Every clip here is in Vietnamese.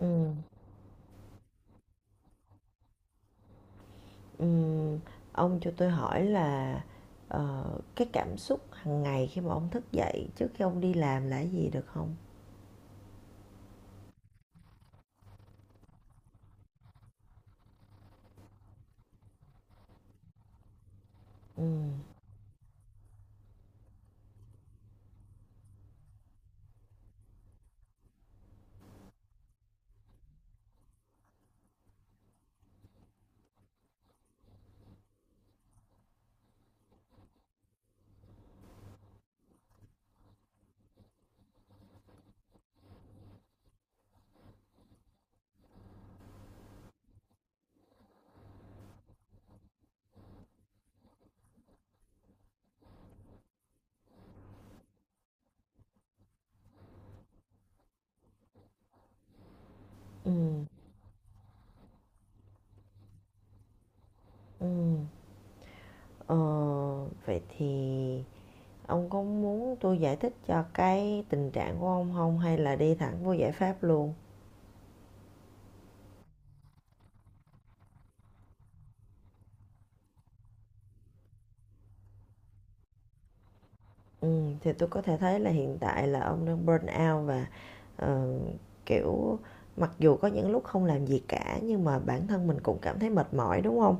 Ừm, ừm, ông cho tôi hỏi là, ờ, cái cảm xúc hàng ngày khi mà ông thức dậy trước khi ông đi làm là cái gì được không? Ừm, ừm, ừm, ờ, Vậy thì ông có muốn tôi giải thích cho cái tình trạng của ông không hay là đi thẳng vô giải pháp luôn? Thì tôi có thể thấy là hiện tại là ông đang burn out và, ờ, kiểu, mặc dù có những lúc không làm gì cả nhưng mà bản thân mình cũng cảm thấy mệt mỏi, đúng không?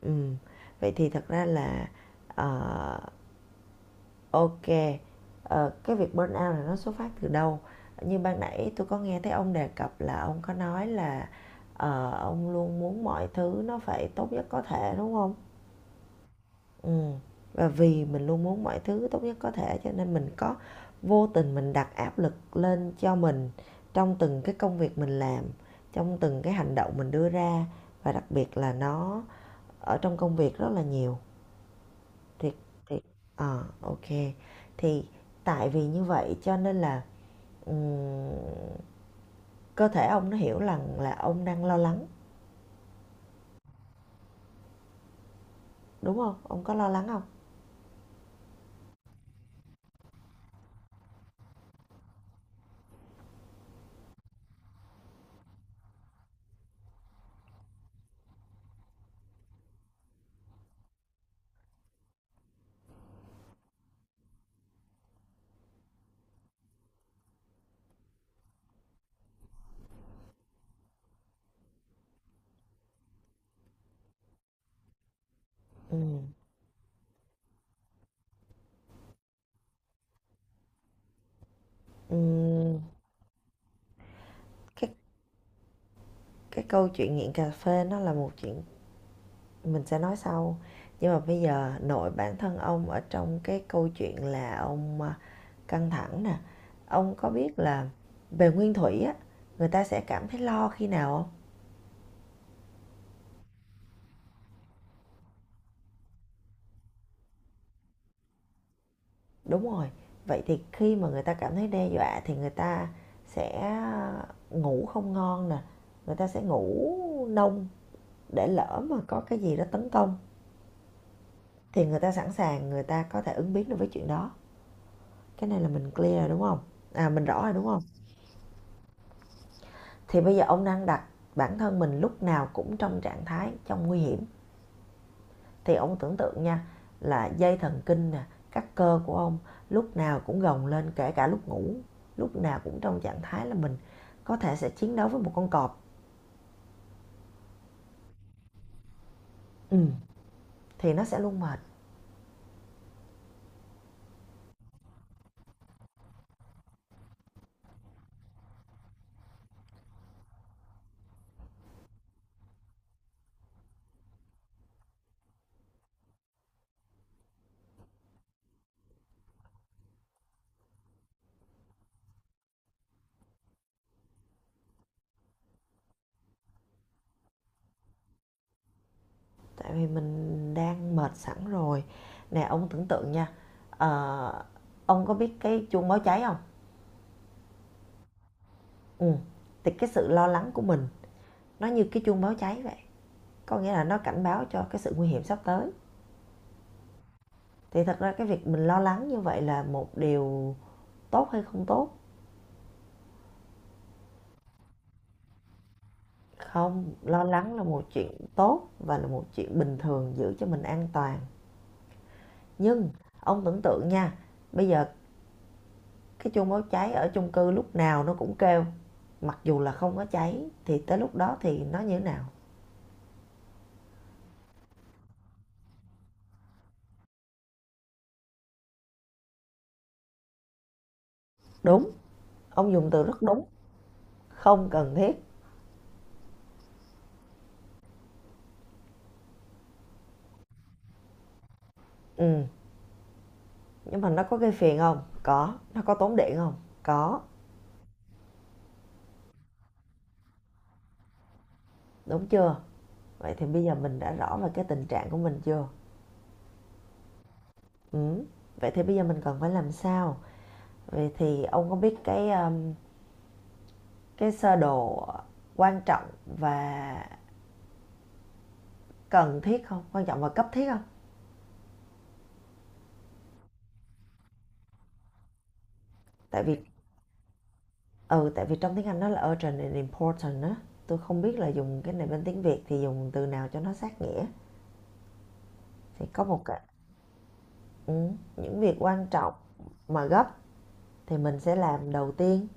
Ừm, Vậy thì thật ra là, ờ, ô cái việc burnout là nó xuất phát từ đâu? Như ban nãy tôi có nghe thấy ông đề cập là ông có nói là, ông luôn muốn mọi thứ nó phải tốt nhất có thể, đúng không? Ừm, và vì mình luôn muốn mọi thứ tốt nhất có thể cho nên mình có vô tình mình đặt áp lực lên cho mình trong từng cái công việc mình làm, trong từng cái hành động mình đưa ra, và đặc biệt là nó ở trong công việc rất là nhiều. thì thì, ok. Thì tại vì như vậy cho nên là, ừm, cơ thể ông nó hiểu rằng là ông đang lo lắng, đúng không? Ông có lo lắng không? Ừm, ừm, cái cái câu chuyện nghiện cà phê nó là một chuyện mình sẽ nói sau, nhưng mà bây giờ nội bản thân ông ở trong cái câu chuyện là ông, căng thẳng nè. Ông có biết là về nguyên thủy á, người ta sẽ cảm thấy lo khi nào không? Đúng rồi. Vậy thì khi mà người ta cảm thấy đe dọa thì người ta sẽ ngủ không ngon nè, người ta sẽ ngủ nông để lỡ mà có cái gì đó tấn công thì người ta sẵn sàng, người ta có thể ứng biến được với chuyện đó. Cái này là mình clear rồi đúng không? À, mình rõ rồi đúng không? Thì bây giờ ông đang đặt bản thân mình lúc nào cũng trong trạng thái trong nguy hiểm, thì ông tưởng tượng nha, là dây thần kinh nè, các cơ của ông lúc nào cũng gồng lên kể cả lúc ngủ, lúc nào cũng trong trạng thái là mình có thể sẽ chiến đấu với một con cọp. Ừ. Thì nó sẽ luôn mệt. Tại vì mình đang mệt sẵn rồi. Nè ông tưởng tượng nha, ờ, ông có biết cái chuông báo cháy không? Ừ. Thì cái sự lo lắng của mình nó như cái chuông báo cháy vậy, có nghĩa là nó cảnh báo cho cái sự nguy hiểm sắp tới. Thì thật ra cái việc mình lo lắng như vậy là một điều tốt hay không tốt? Không, lo lắng là một chuyện tốt và là một chuyện bình thường giữ cho mình an toàn. Nhưng ông tưởng tượng nha, bây giờ cái chuông báo cháy ở chung cư lúc nào nó cũng kêu. Mặc dù là không có cháy, thì tới lúc đó thì nó như thế nào? Đúng, ông dùng từ rất đúng, không cần thiết. Ừ, nhưng mà nó có gây phiền không? Có. Nó có tốn điện không? Có. Đúng chưa? Vậy thì bây giờ mình đã rõ về cái tình trạng của mình chưa? Ừ. Vậy thì bây giờ mình cần phải làm sao? Vậy thì ông có biết cái sơ đồ quan trọng và cần thiết không, quan trọng và cấp thiết không? Tại vì ừ tại vì trong tiếng Anh nó là urgent and important á, tôi không biết là dùng cái này bên tiếng Việt thì dùng từ nào cho nó sát nghĩa. Thì có một cái, ừ, những việc quan trọng mà gấp thì mình sẽ làm đầu tiên,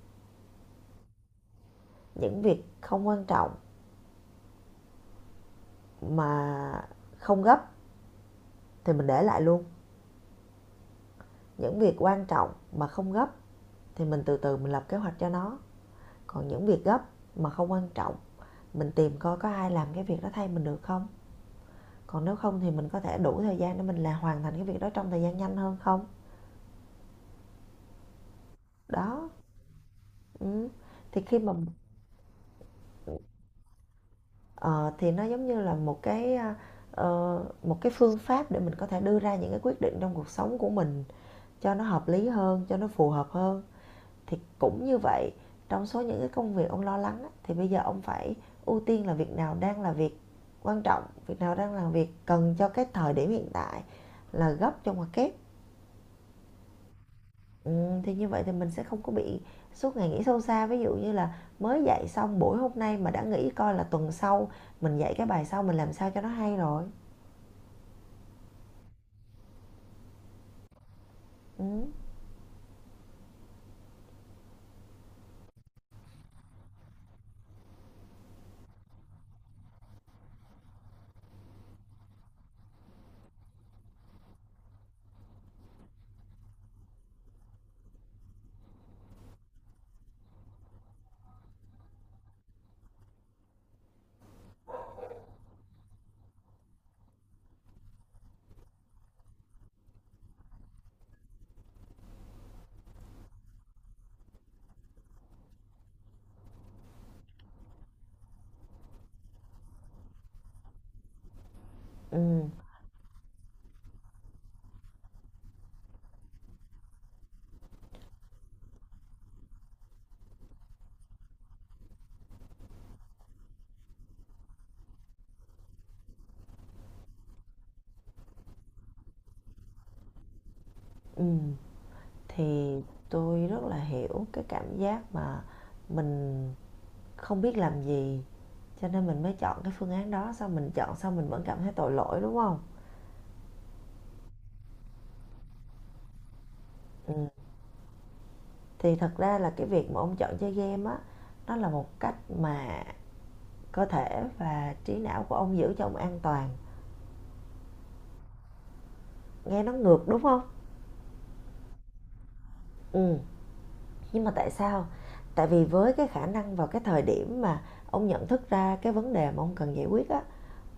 những việc không quan trọng mà không gấp thì mình để lại luôn, những việc quan trọng mà không gấp thì mình từ từ mình lập kế hoạch cho nó, còn những việc gấp mà không quan trọng mình tìm coi có ai làm cái việc đó thay mình được không, còn nếu không thì mình có thể đủ thời gian để mình là hoàn thành cái việc đó trong thời gian nhanh hơn không. Đó. Ừ. thì khi mà ờ, Thì nó giống như là một cái, một cái phương pháp để mình có thể đưa ra những cái quyết định trong cuộc sống của mình cho nó hợp lý hơn, cho nó phù hợp hơn. Thì cũng như vậy, trong số những cái công việc ông lo lắng thì bây giờ ông phải ưu tiên là việc nào đang là việc quan trọng, việc nào đang là việc cần cho cái thời điểm hiện tại là gấp trong hoặc kép. Thì như vậy thì mình sẽ không có bị suốt ngày nghĩ sâu xa. Ví dụ như là mới dạy xong buổi hôm nay mà đã nghĩ coi là tuần sau mình dạy cái bài sau mình làm sao cho nó hay rồi. Ừm. Ừm. Ừm. Thì tôi rất là hiểu cái cảm giác mà mình không biết làm gì, cho nên mình mới chọn cái phương án đó, xong mình chọn xong mình vẫn cảm thấy tội lỗi, đúng không? Ừm, thì thật ra là cái việc mà ông chọn chơi game á, nó là một cách mà cơ thể và trí não của ông giữ cho ông an toàn. Nghe nó ngược đúng không? Ừ. Nhưng mà tại sao? Tại vì với cái khả năng vào cái thời điểm mà ông nhận thức ra cái vấn đề mà ông cần giải quyết á,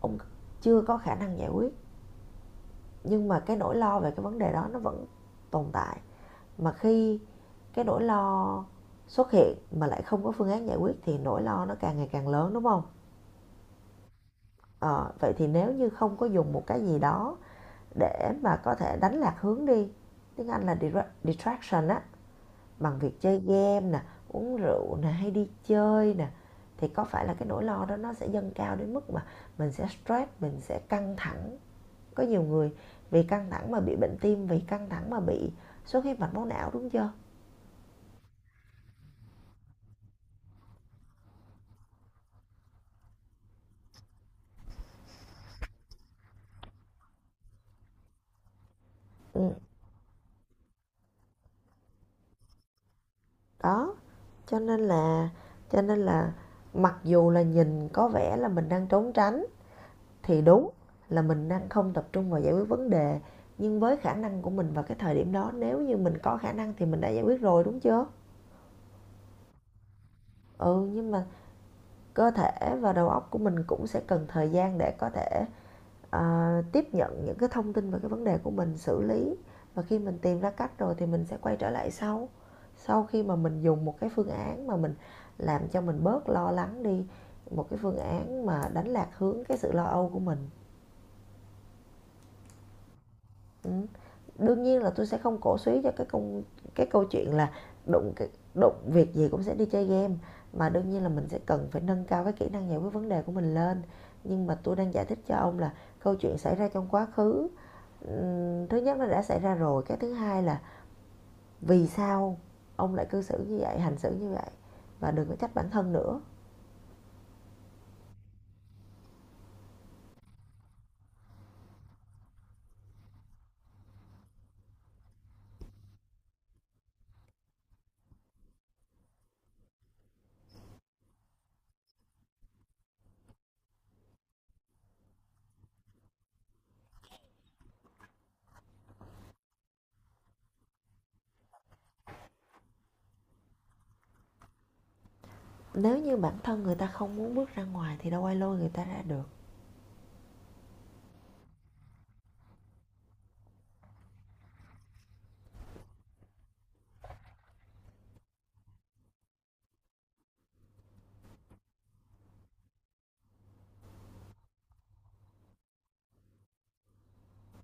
ông chưa có khả năng giải quyết, nhưng mà cái nỗi lo về cái vấn đề đó nó vẫn tồn tại. Mà khi cái nỗi lo xuất hiện mà lại không có phương án giải quyết thì nỗi lo nó càng ngày càng lớn đúng không? Ờ, vậy thì nếu như không có dùng một cái gì đó để mà có thể đánh lạc hướng đi, tiếng Anh là distraction á, bằng việc chơi game nè, uống rượu nè, hay đi chơi nè, thì có phải là cái nỗi lo đó nó sẽ dâng cao đến mức mà mình sẽ stress, mình sẽ căng thẳng. Có nhiều người vì căng thẳng mà bị bệnh tim, vì căng thẳng mà bị xuất huyết mạch máu não đúng chưa? Ừ, đó, cho nên là cho nên là mặc dù là nhìn có vẻ là mình đang trốn tránh, thì đúng là mình đang không tập trung vào giải quyết vấn đề, nhưng với khả năng của mình vào cái thời điểm đó nếu như mình có khả năng thì mình đã giải quyết rồi đúng chưa? Ừ, nhưng mà cơ thể và đầu óc của mình cũng sẽ cần thời gian để có thể tiếp nhận những cái thông tin về cái vấn đề của mình xử lý, và khi mình tìm ra cách rồi thì mình sẽ quay trở lại sau, sau khi mà mình dùng một cái phương án mà mình làm cho mình bớt lo lắng đi, một cái phương án mà đánh lạc hướng cái sự lo âu của mình. Ừm. Đương nhiên là tôi sẽ không cổ suý cho cái câu chuyện là đụng đụng việc gì cũng sẽ đi chơi game, mà đương nhiên là mình sẽ cần phải nâng cao cái kỹ năng giải quyết vấn đề của mình lên. Nhưng mà tôi đang giải thích cho ông là câu chuyện xảy ra trong quá khứ, ừ, thứ nhất nó đã xảy ra rồi, cái thứ hai là vì sao ông lại cư xử như vậy, hành xử như vậy, và đừng có trách bản thân nữa. Nếu như bản thân người ta không muốn bước ra ngoài thì đâu ai lôi người ta ra được.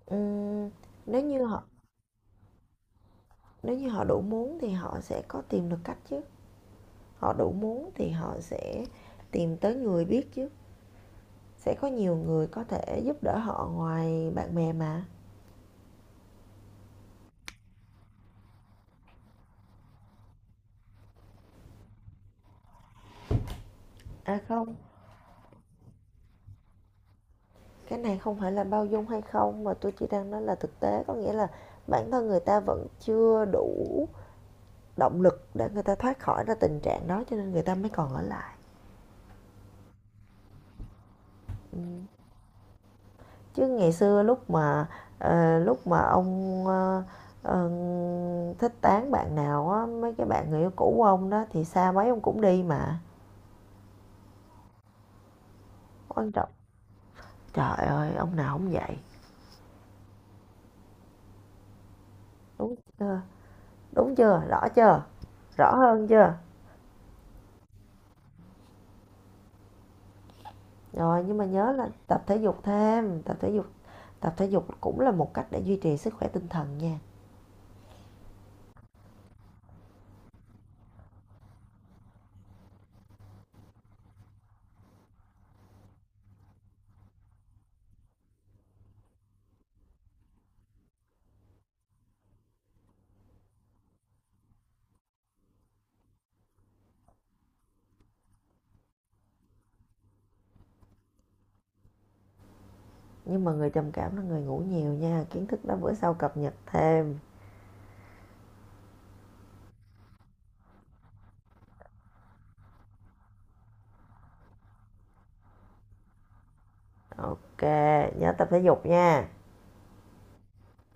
Ừm, nếu như họ nếu như họ đủ muốn thì họ sẽ có tìm được cách chứ, họ đủ muốn thì họ sẽ tìm tới người biết chứ, sẽ có nhiều người có thể giúp đỡ họ ngoài bạn bè mà. À không, cái này không phải là bao dung hay không mà tôi chỉ đang nói là thực tế, có nghĩa là bản thân người ta vẫn chưa đủ động lực để người ta thoát khỏi ra tình trạng đó cho nên người ta mới còn ở lại. Ừ. Chứ ngày xưa lúc mà ông ờ, thích tán bạn nào á, mấy cái bạn người yêu cũ của ông đó thì xa mấy ông cũng đi mà. Quan trọng. Trời ơi ông nào không vậy? Đúng chưa? Đúng chưa, rõ chưa? Rõ hơn chưa? Rồi nhưng mà nhớ là tập thể dục, thêm tập thể dục, tập thể dục cũng là một cách để duy trì sức khỏe tinh thần nha. Nhưng mà người trầm cảm là người ngủ nhiều nha, kiến thức đó bữa sau cập nhật thêm. Ok, nhớ tập thể dục nha.